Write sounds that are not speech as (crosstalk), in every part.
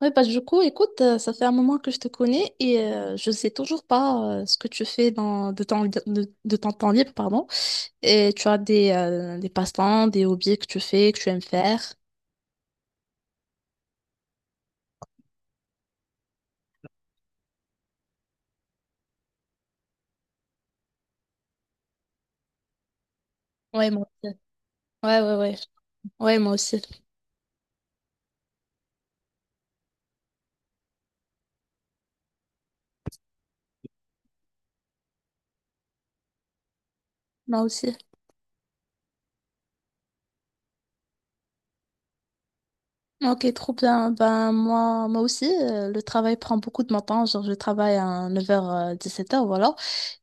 Oui, bah, du coup, écoute, ça fait un moment que je te connais et je sais toujours pas ce que tu fais dans, de ton temps libre, pardon. Et tu as des passe-temps, des hobbies que tu fais, que tu aimes faire. Ouais, moi aussi. Ouais, ouais, ouais. Ouais, moi aussi. Moi aussi. Ok, trop bien. Ben, moi aussi, le travail prend beaucoup de mon temps. Genre, je travaille à 9 h-17 h, voilà.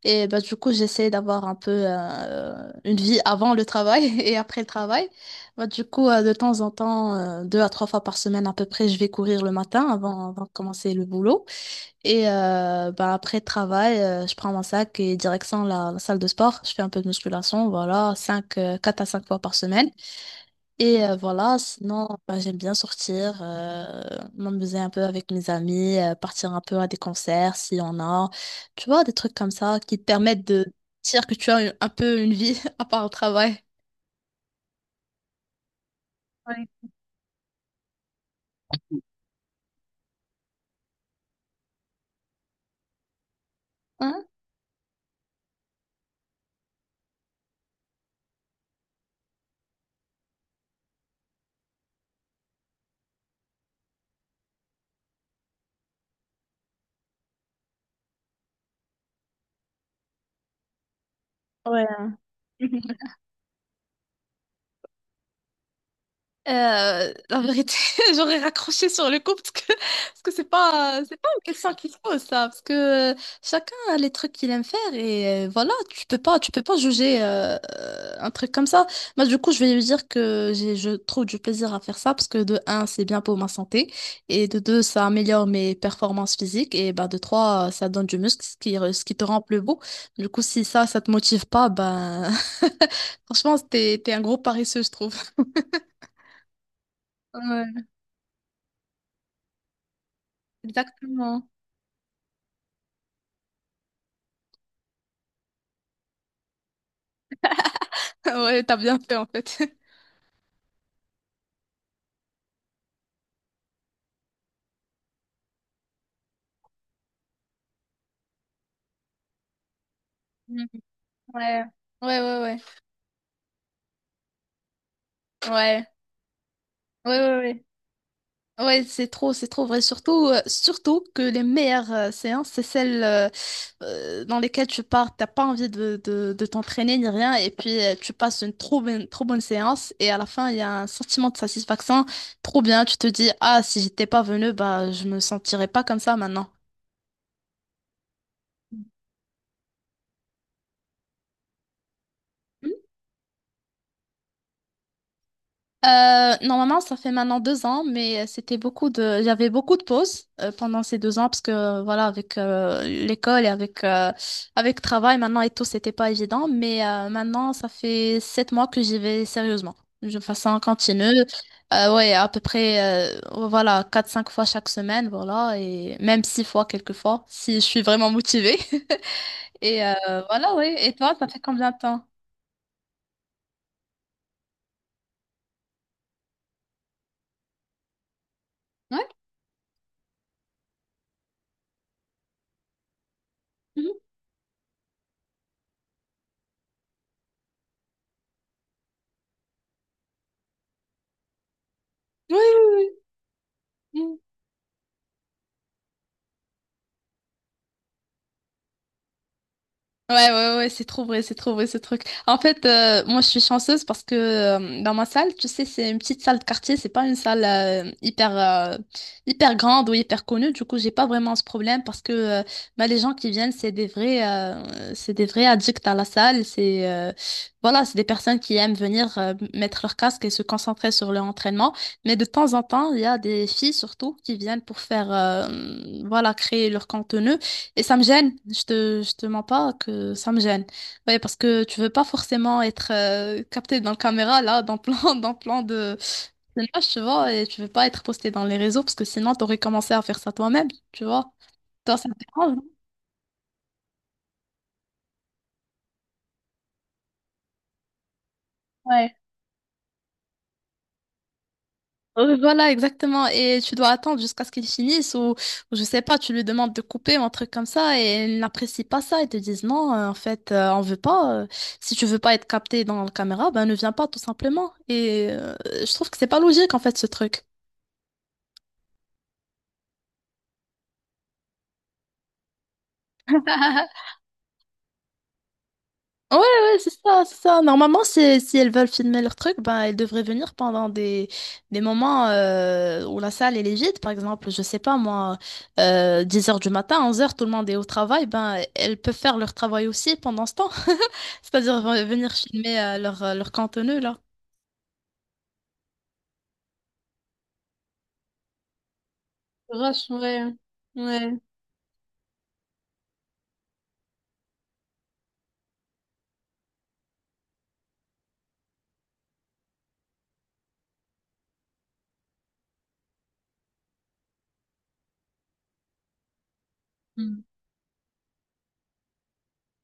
Et ben, du coup, j'essaie d'avoir un peu une vie avant le travail (laughs) et après le travail. Ben, du coup, de temps en temps, deux à trois fois par semaine à peu près, je vais courir le matin avant de commencer le boulot. Et ben, après le travail, je prends mon sac et direction la salle de sport. Je fais un peu de musculation, voilà, 4 à 5 fois par semaine. Et voilà, sinon, ben, j'aime bien sortir, m'amuser un peu avec mes amis, partir un peu à des concerts s'il y en a. Tu vois, des trucs comme ça qui te permettent de dire que tu as un peu une vie (laughs) à part au travail. Hein? Ouais. La vérité, (laughs) j'aurais raccroché sur le coup parce que c'est pas une question qui se pose ça parce que chacun a les trucs qu'il aime faire et voilà, tu peux pas juger un truc comme ça. Moi, du coup, je vais lui dire que j'ai je trouve du plaisir à faire ça, parce que de un, c'est bien pour ma santé, et de deux, ça améliore mes performances physiques, et bah, de trois, ça donne du muscle, ce qui te rend plus beau. Du coup, si ça te motive pas, ben, (laughs) franchement, t'es un gros paresseux, je trouve. Exactement. (laughs) Ouais, t'as bien fait en fait. (laughs) Mm. Ouais, ouais, ouais, ouais, ouais, ouais, ouais, ouais. Ouais, c'est trop vrai. Surtout, surtout que les meilleures séances, c'est celles dans lesquelles tu pars, t'as pas envie de t'entraîner ni rien, et puis tu passes une trop bonne séance, et à la fin, il y a un sentiment de satisfaction trop bien. Tu te dis, ah, si j'étais pas venu, bah, je me sentirais pas comme ça maintenant. Normalement, ça fait maintenant 2 ans, mais j'avais beaucoup de pauses pendant ces 2 ans, parce que voilà, avec l'école et avec le travail maintenant et tout, c'était pas évident. Mais maintenant, ça fait 7 mois que j'y vais sérieusement, de façon continue. Ouais, à peu près voilà, quatre cinq fois chaque semaine, voilà, et même six fois quelquefois si je suis vraiment motivée. (laughs) Et voilà, ouais. Et toi, ça fait combien de temps? Ouais. Mhm. Oui, oui, oui. Ouais, ouais, ouais, c'est trop vrai ce truc. En fait, moi je suis chanceuse parce que dans ma salle, tu sais, c'est une petite salle de quartier, c'est pas une salle hyper grande ou hyper connue. Du coup, j'ai pas vraiment ce problème, parce que bah, les gens qui viennent, c'est des vrais addicts à la salle, c'est voilà, c'est des personnes qui aiment venir mettre leur casque et se concentrer sur leur entraînement. Mais de temps en temps, il y a des filles surtout qui viennent pour faire voilà, créer leur contenu. Et ça me gêne, je te mens pas que ça me gêne. Ouais, parce que tu veux pas forcément être capté dans la caméra, là, (laughs) dans plan de personnage, tu vois, et tu veux pas être posté dans les réseaux, parce que sinon t'aurais commencé à faire ça toi-même, tu vois. Toi, ça te dérange? Non? Voilà, exactement. Et tu dois attendre jusqu'à ce qu'ils finissent, ou je sais pas, tu lui demandes de couper ou un truc comme ça, et ils n'apprécient pas ça. Ils te disent non, en fait, on veut pas. Si tu veux pas être capté dans la caméra, ben ne viens pas, tout simplement. Et je trouve que c'est pas logique en fait, ce truc. (laughs) Ouais, ouais, c'est ça, c'est ça. Normalement, si elles veulent filmer leur truc, ben, elles devraient venir pendant des moments où la salle elle est vide. Par exemple, je sais pas, moi, 10 h du matin, 11 h, tout le monde est au travail. Ben, elles peuvent faire leur travail aussi pendant ce temps. (laughs) C'est-à-dire venir filmer leur contenu, là. Rush, ouais. Ouais.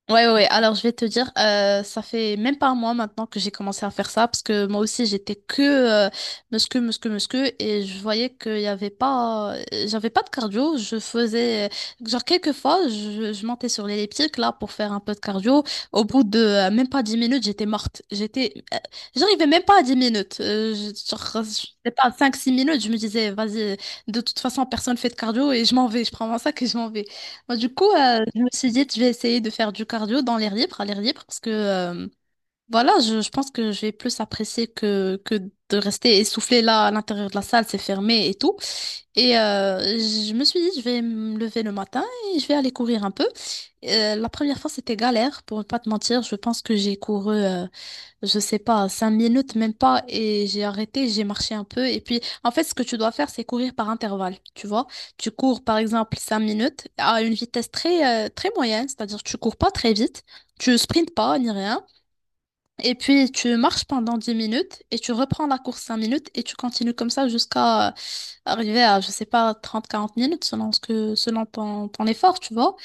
Ouais, ouais, ouais. Alors je vais te dire, ça fait même pas un mois maintenant que j'ai commencé à faire ça, parce que moi aussi j'étais que muscu, muscu, muscu, et je voyais qu'il y avait pas, j'avais pas de cardio, je faisais, genre, quelques fois, je montais sur l'elliptique là pour faire un peu de cardio, au bout de même pas 10 minutes, j'étais morte, j'arrivais même pas à 10 minutes, genre, je sais pas, 5-6 minutes, je me disais, vas-y, de toute façon personne fait de cardio, et je m'en vais, je prends mon sac et je m'en vais. Moi, du coup, je me suis dit, je vais essayer de faire du cardio à l'air libre, parce que voilà, je pense que je vais plus apprécier que de rester essoufflé là, à l'intérieur de la salle, c'est fermé et tout. Et je me suis dit, je vais me lever le matin et je vais aller courir un peu. La première fois, c'était galère, pour ne pas te mentir. Je pense que j'ai couru je sais pas, 5 minutes même pas, et j'ai arrêté, j'ai marché un peu, et puis en fait, ce que tu dois faire, c'est courir par intervalle, tu vois. Tu cours par exemple 5 minutes à une vitesse très moyenne, c'est-à-dire tu cours pas très vite, tu sprintes pas ni rien, et puis tu marches pendant 10 minutes et tu reprends la course 5 minutes et tu continues comme ça jusqu'à arriver à, je sais pas, 30 40 minutes selon ce que selon ton effort, tu vois.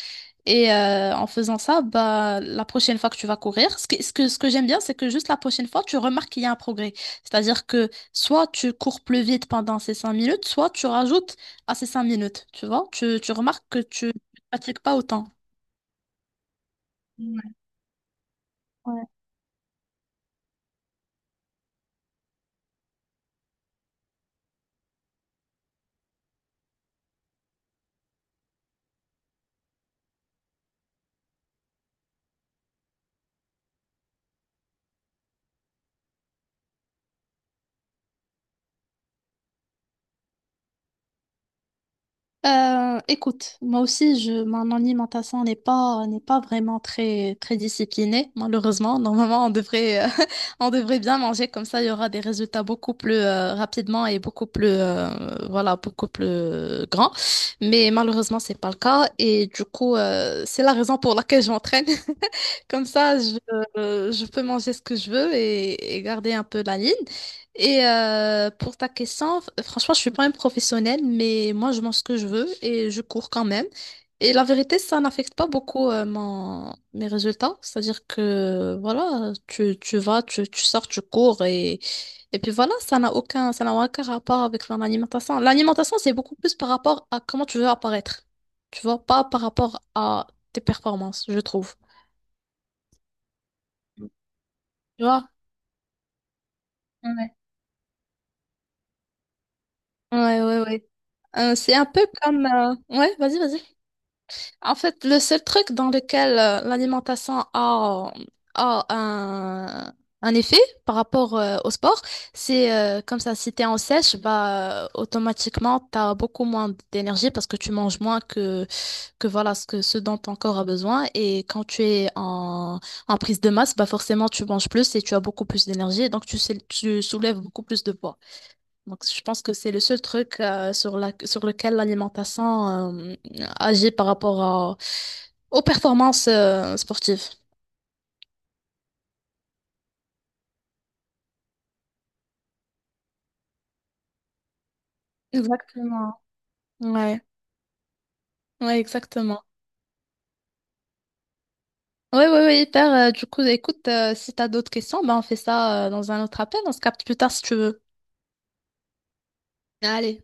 Et en faisant ça, bah, la prochaine fois que tu vas courir, ce que j'aime bien, c'est que juste la prochaine fois, tu remarques qu'il y a un progrès. C'est-à-dire que soit tu cours plus vite pendant ces 5 minutes, soit tu rajoutes à ces 5 minutes. Tu vois, tu remarques que tu ne pratiques pas autant. Ouais. Écoute, moi aussi, mon alimentation n'est pas vraiment très, très disciplinée, malheureusement. Normalement, on devrait, (laughs) on devrait bien manger, comme ça il y aura des résultats beaucoup plus rapidement et beaucoup plus, voilà, beaucoup plus grands. Mais malheureusement, c'est pas le cas. Et du coup, c'est la raison pour laquelle je m'entraîne. Comme ça, je peux manger ce que je veux et garder un peu la ligne. Et pour ta question, franchement, je suis pas une professionnelle, mais moi, je mange ce que je veux et je cours quand même. Et la vérité, ça n'affecte pas beaucoup mes résultats. C'est-à-dire que, voilà, tu vas, tu sors, tu cours et puis voilà, ça n'a aucun rapport avec mon alimentation. L'alimentation, c'est beaucoup plus par rapport à comment tu veux apparaître. Tu vois, pas par rapport à tes performances, je trouve. Ouais, ouais, ouais. Ouais. C'est un peu comme… Ouais, vas-y, vas-y. En fait, le seul truc dans lequel l'alimentation a un effet par rapport au sport, c'est comme ça, si t'es en sèche, bah, automatiquement, t'as beaucoup moins d'énergie parce que tu manges moins que, voilà, ce dont ton corps a besoin. Et quand tu es en prise de masse, bah, forcément, tu manges plus et tu as beaucoup plus d'énergie. Donc, tu soulèves beaucoup plus de poids. Donc, je pense que c'est le seul truc sur lequel l'alimentation euh, agit par rapport aux performances sportives. Exactement. Ouais, ouais, exactement. Ouais, ouais, ouais, hyper. Du coup, écoute, si t'as d'autres questions, ben on fait ça dans un autre appel. On se capte plus tard si tu veux. Allez.